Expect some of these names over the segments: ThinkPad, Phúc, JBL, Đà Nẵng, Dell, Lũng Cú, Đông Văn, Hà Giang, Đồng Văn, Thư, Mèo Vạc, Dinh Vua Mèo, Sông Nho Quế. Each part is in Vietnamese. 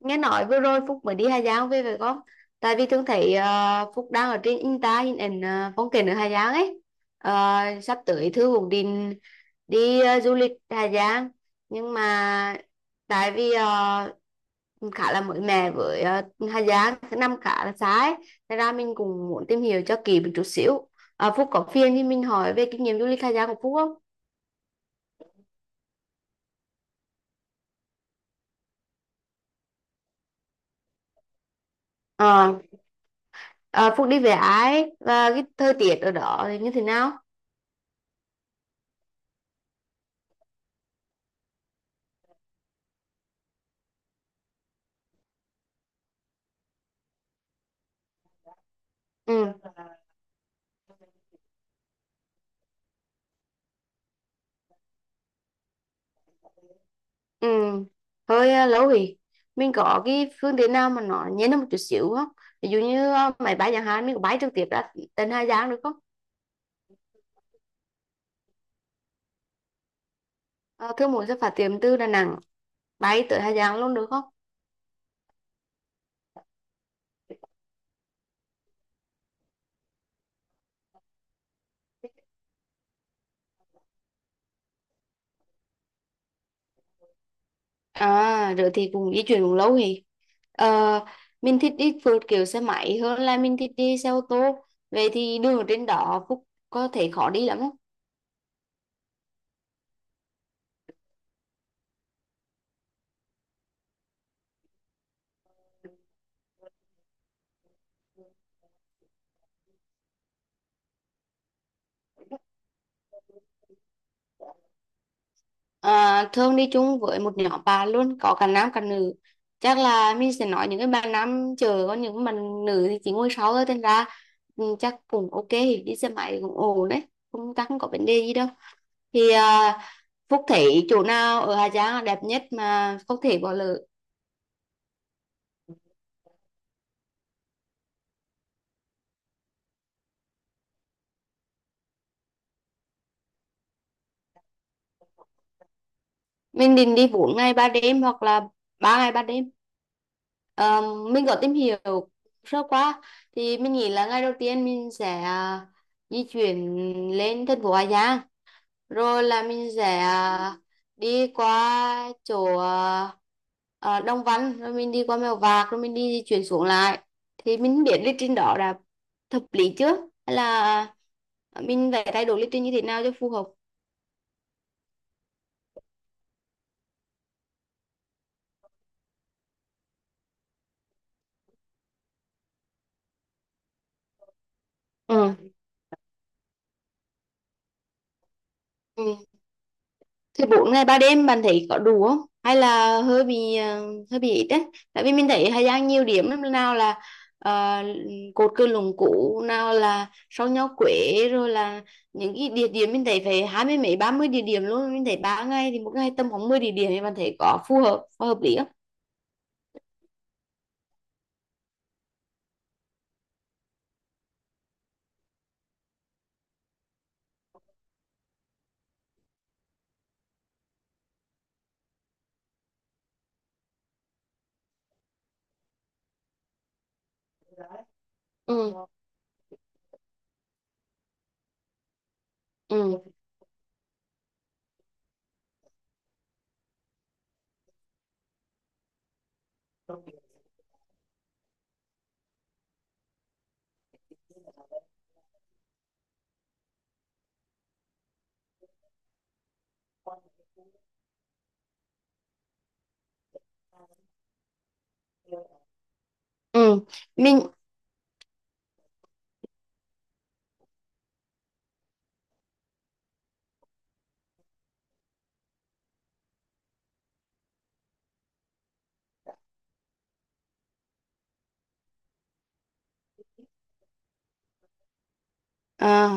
Nghe nói vừa rồi Phúc mới đi Hà Giang về phải không? Tại vì thường thấy Phúc đang ở trên Insta hình ảnh phong cảnh ở Hà Giang ấy. Ờ, sắp tới Thư cũng định đi du lịch Hà Giang, nhưng mà tại vì khá là mới mẻ với, Hà Giang thứ năm khá là xa ấy, thế ra mình cũng muốn tìm hiểu cho kỹ một chút xíu. Phúc có phiền thì mình hỏi về kinh nghiệm du lịch Hà Giang của Phúc không? Ờ, ờ, Phúc đi về ai và cái thời tiết ở đó thì như thế nào? Ừ. Ừ, hơi lâu rồi. Mình có cái phương tiện nào mà nó nhẹ hơn một chút xíu không? Ví dụ như máy bay chẳng hạn, mình có bay trực tiếp ra đến Hà Giang được không? À, thương muốn sẽ phát tiền từ Đà Nẵng bay tới Hà Giang luôn được không? À, rồi thì cũng di chuyển cũng lâu rồi. Ờ, mình thích đi phượt kiểu xe máy hơn là mình thích đi xe ô tô. Vậy thì đường ở trên đó Phúc có thể khó đi lắm không? À, thường đi chung với một nhóm bạn luôn, có cả nam cả nữ, chắc là mình sẽ nói những cái bạn nam chờ, còn những bạn nữ thì chỉ ngồi sau thôi, thành ra ừ, chắc cũng ok, đi xe máy cũng ổn đấy, không chắc không có vấn đề gì đâu. Thì Phúc thấy chỗ nào ở Hà Giang là đẹp nhất mà phúc thể bỏ lỡ? Mình định đi 4 ngày 3 đêm hoặc là 3 ngày 3 đêm. Ờ, mình có tìm hiểu sơ qua, thì mình nghĩ là ngày đầu tiên mình sẽ di chuyển lên thành phố Hà Giang, rồi là mình sẽ đi qua chỗ Đông Văn, rồi mình đi qua Mèo Vạc, rồi mình đi di chuyển xuống lại. Thì mình không biết lịch trình đó là hợp lý chưa, hay là mình phải thay đổi lịch trình như thế nào cho phù hợp. Ừ. Ừ. Thế 4 ngày 3 đêm bạn thấy có đủ không? Hay là hơi bị hơi bị ít đấy? Tại vì mình thấy Hà Giang nhiều điểm lắm, nào là ờ, cột cờ Lũng Cú, nào là sông Nho Quế, rồi là những cái địa điểm mình thấy phải hai mươi mấy ba mươi địa điểm luôn. Mình thấy ba ngày thì một ngày tầm khoảng 10 địa điểm, thì bạn thấy có phù hợp, có hợp lý không? Ừ. Ừ. ừ mình à,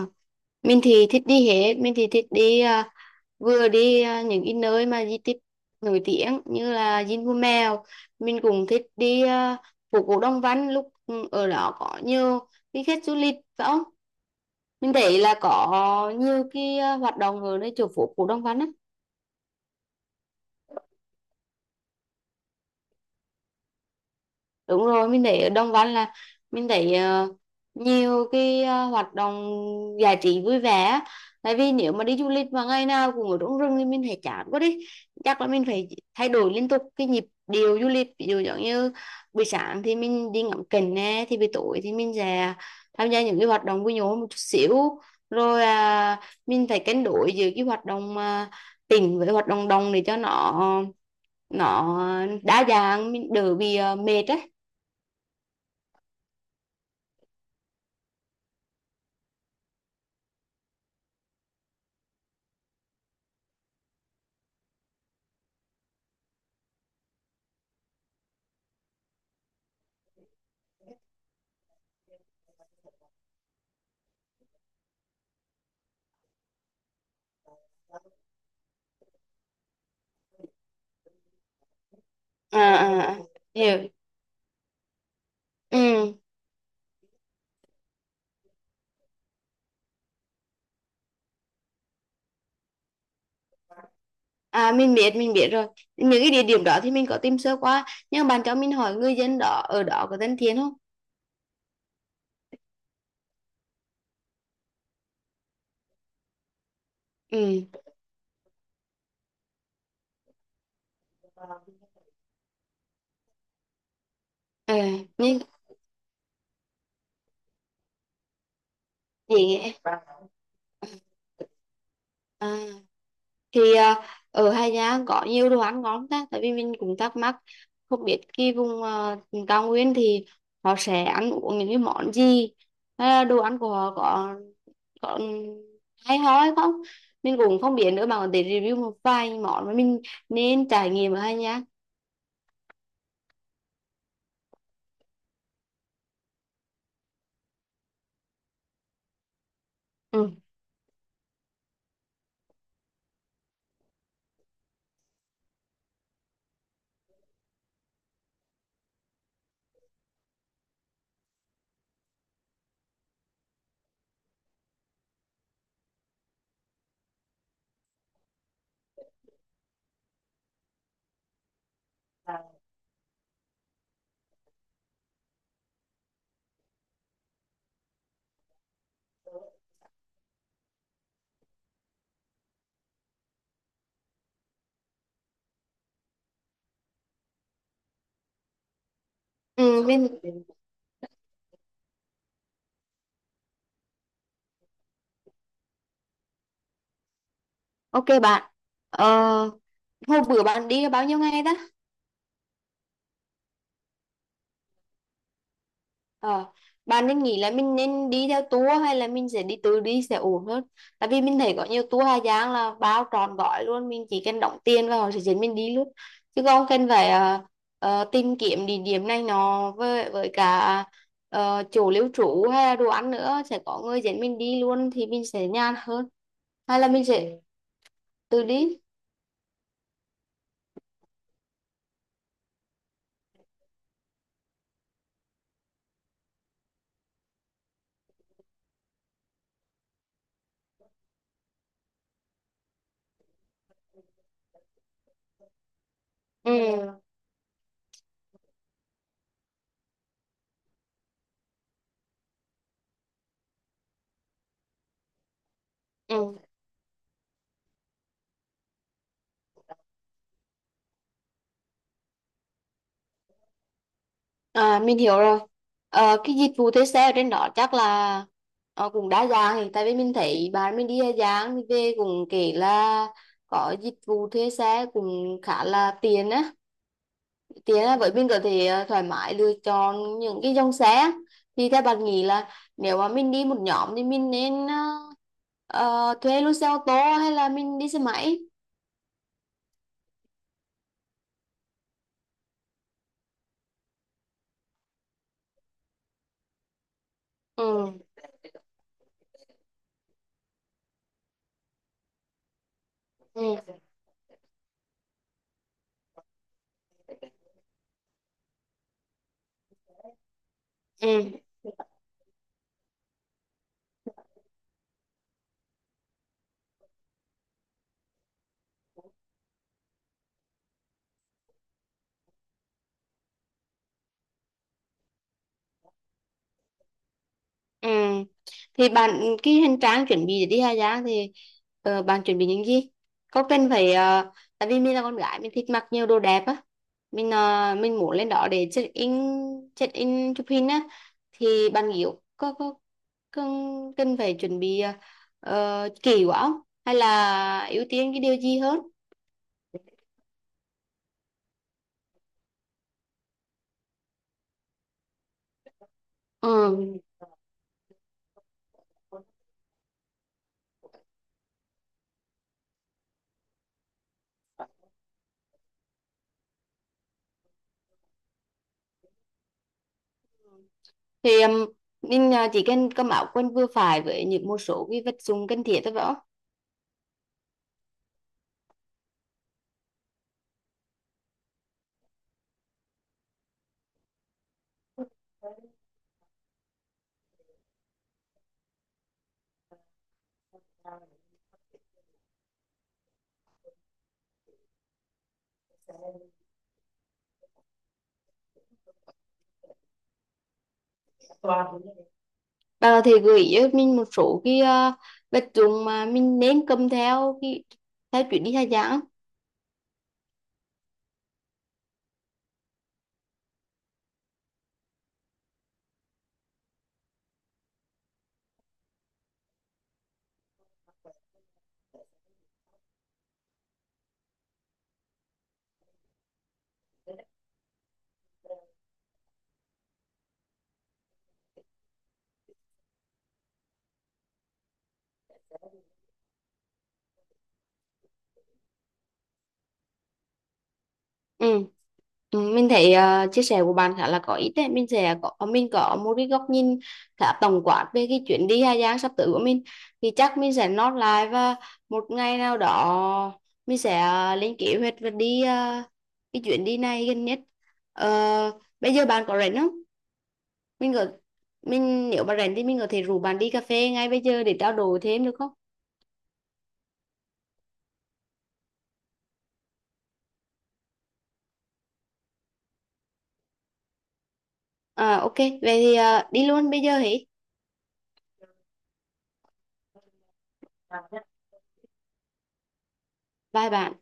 mình thì thích đi hết, mình thì thích đi vừa đi những cái nơi mà di tích nổi tiếng như là Dinh Vua Mèo, mình cũng thích đi phố cổ Đông Văn, lúc ừ, ở đó có nhiều cái khách du lịch phải không? Mình thấy là có nhiều cái hoạt động ở nơi chỗ phố cổ Đông Văn á. Đúng rồi, mình thấy ở Đồng Văn là mình thấy nhiều cái hoạt động giải trí vui vẻ á. Tại vì nếu mà đi du lịch mà ngày nào cũng ở trong rừng thì mình thấy chán quá đi, chắc là mình phải thay đổi liên tục cái nhịp điệu du lịch. Ví dụ giống như buổi sáng thì mình đi ngắm cảnh nè, thì buổi tối thì mình sẽ tham gia những cái hoạt động vui nhộn một chút xíu, rồi mình phải cân đối giữa cái hoạt động tỉnh với hoạt động đồng để cho nó nó đa dạng, mình đỡ bị mệt á. À à à, hiểu. Ừ. À, mình biết rồi, những cái địa điểm đó thì mình có tìm sơ qua, nhưng bạn cho mình hỏi người dân đó ở đó có thân thiện không? Ừ. Ừ. Nhưng gì nghe. À, thì ở Hà Giang có nhiều đồ ăn ngon ta? Tại vì mình cũng thắc mắc không biết cái vùng cao nguyên thì họ sẽ ăn uống những cái món gì, hay là đồ ăn của họ có có hay ho hay không, mình cũng không biết nữa, mà để review một vài món mà mình nên trải nghiệm ở Hà Giang. Ừ. Ừ. Mình. Ok bạn. ờ, Hôm bữa bạn đi bao nhiêu ngày ta? Ờ, bạn nên nghĩ là mình nên đi theo tour hay là mình sẽ đi tự đi sẽ ổn hơn. Tại vì mình thấy có nhiều tour Hà Giang là bao trọn gói luôn, mình chỉ cần đóng tiền và họ sẽ dẫn mình đi luôn. Chứ không cần phải tìm kiếm địa điểm này nọ, với cả chỗ lưu trú hay là đồ ăn nữa, sẽ có người dẫn mình đi luôn thì mình sẽ nhàn hơn. Hay là mình sẽ tự đi. Ừ. Ừ. À, mình hiểu rồi. Ờ, cái dịch vụ thuê xe ở trên đó chắc là cũng đa dạng, thì tại vì mình thấy bạn mình đi Hà Giang thì về cũng kể là có dịch vụ thuê xe cũng khá là tiện á, tiện á, với mình có thể thoải mái lựa chọn những cái dòng xe. Thì theo bạn nghĩ là nếu mà mình đi một nhóm thì mình nên thuê luôn xe ô tô, hay là mình đi xe máy? Ừ. Ừ. Ừ. Ừ. Thì bạn, cái hành trang chuẩn bị để đi Hà Giang thì bạn chuẩn bị những gì? Có cần phải ờ, tại vì mình là con gái, mình thích mặc nhiều đồ đẹp á. Mình mình muốn lên đó để check in chụp hình á, thì bạn nghĩ có cần cần phải chuẩn bị kỹ quá không? Hay là ưu tiên cái điều gì hơn? Ừ. Thì mình chỉ cần cầm áo quần vừa phải với những một số cái vật dụng cần thiết thôi, phải không? Bà có thể gợi ý cho mình một số cái vật dụng mà mình nên cầm theo khi theo chuyến đi khai giảng? Ừ. Ừ, mình thấy chia sẻ của bạn khá là có ích đấy. Mình sẽ có mình có một cái góc nhìn khá tổng quát về cái chuyến đi khai Giang sắp tới của mình. Thì chắc mình sẽ note lại, và một ngày nào đó mình sẽ lên kế hoạch và đi cái chuyến đi này gần nhất. Ờ, bây giờ bạn có rảnh không? Mình có, mình nếu mà rảnh thì mình có thể rủ bạn đi cà phê ngay bây giờ để trao đổi thêm được không? À, ok, vậy thì đi luôn bây giờ hỉ. Bye bye.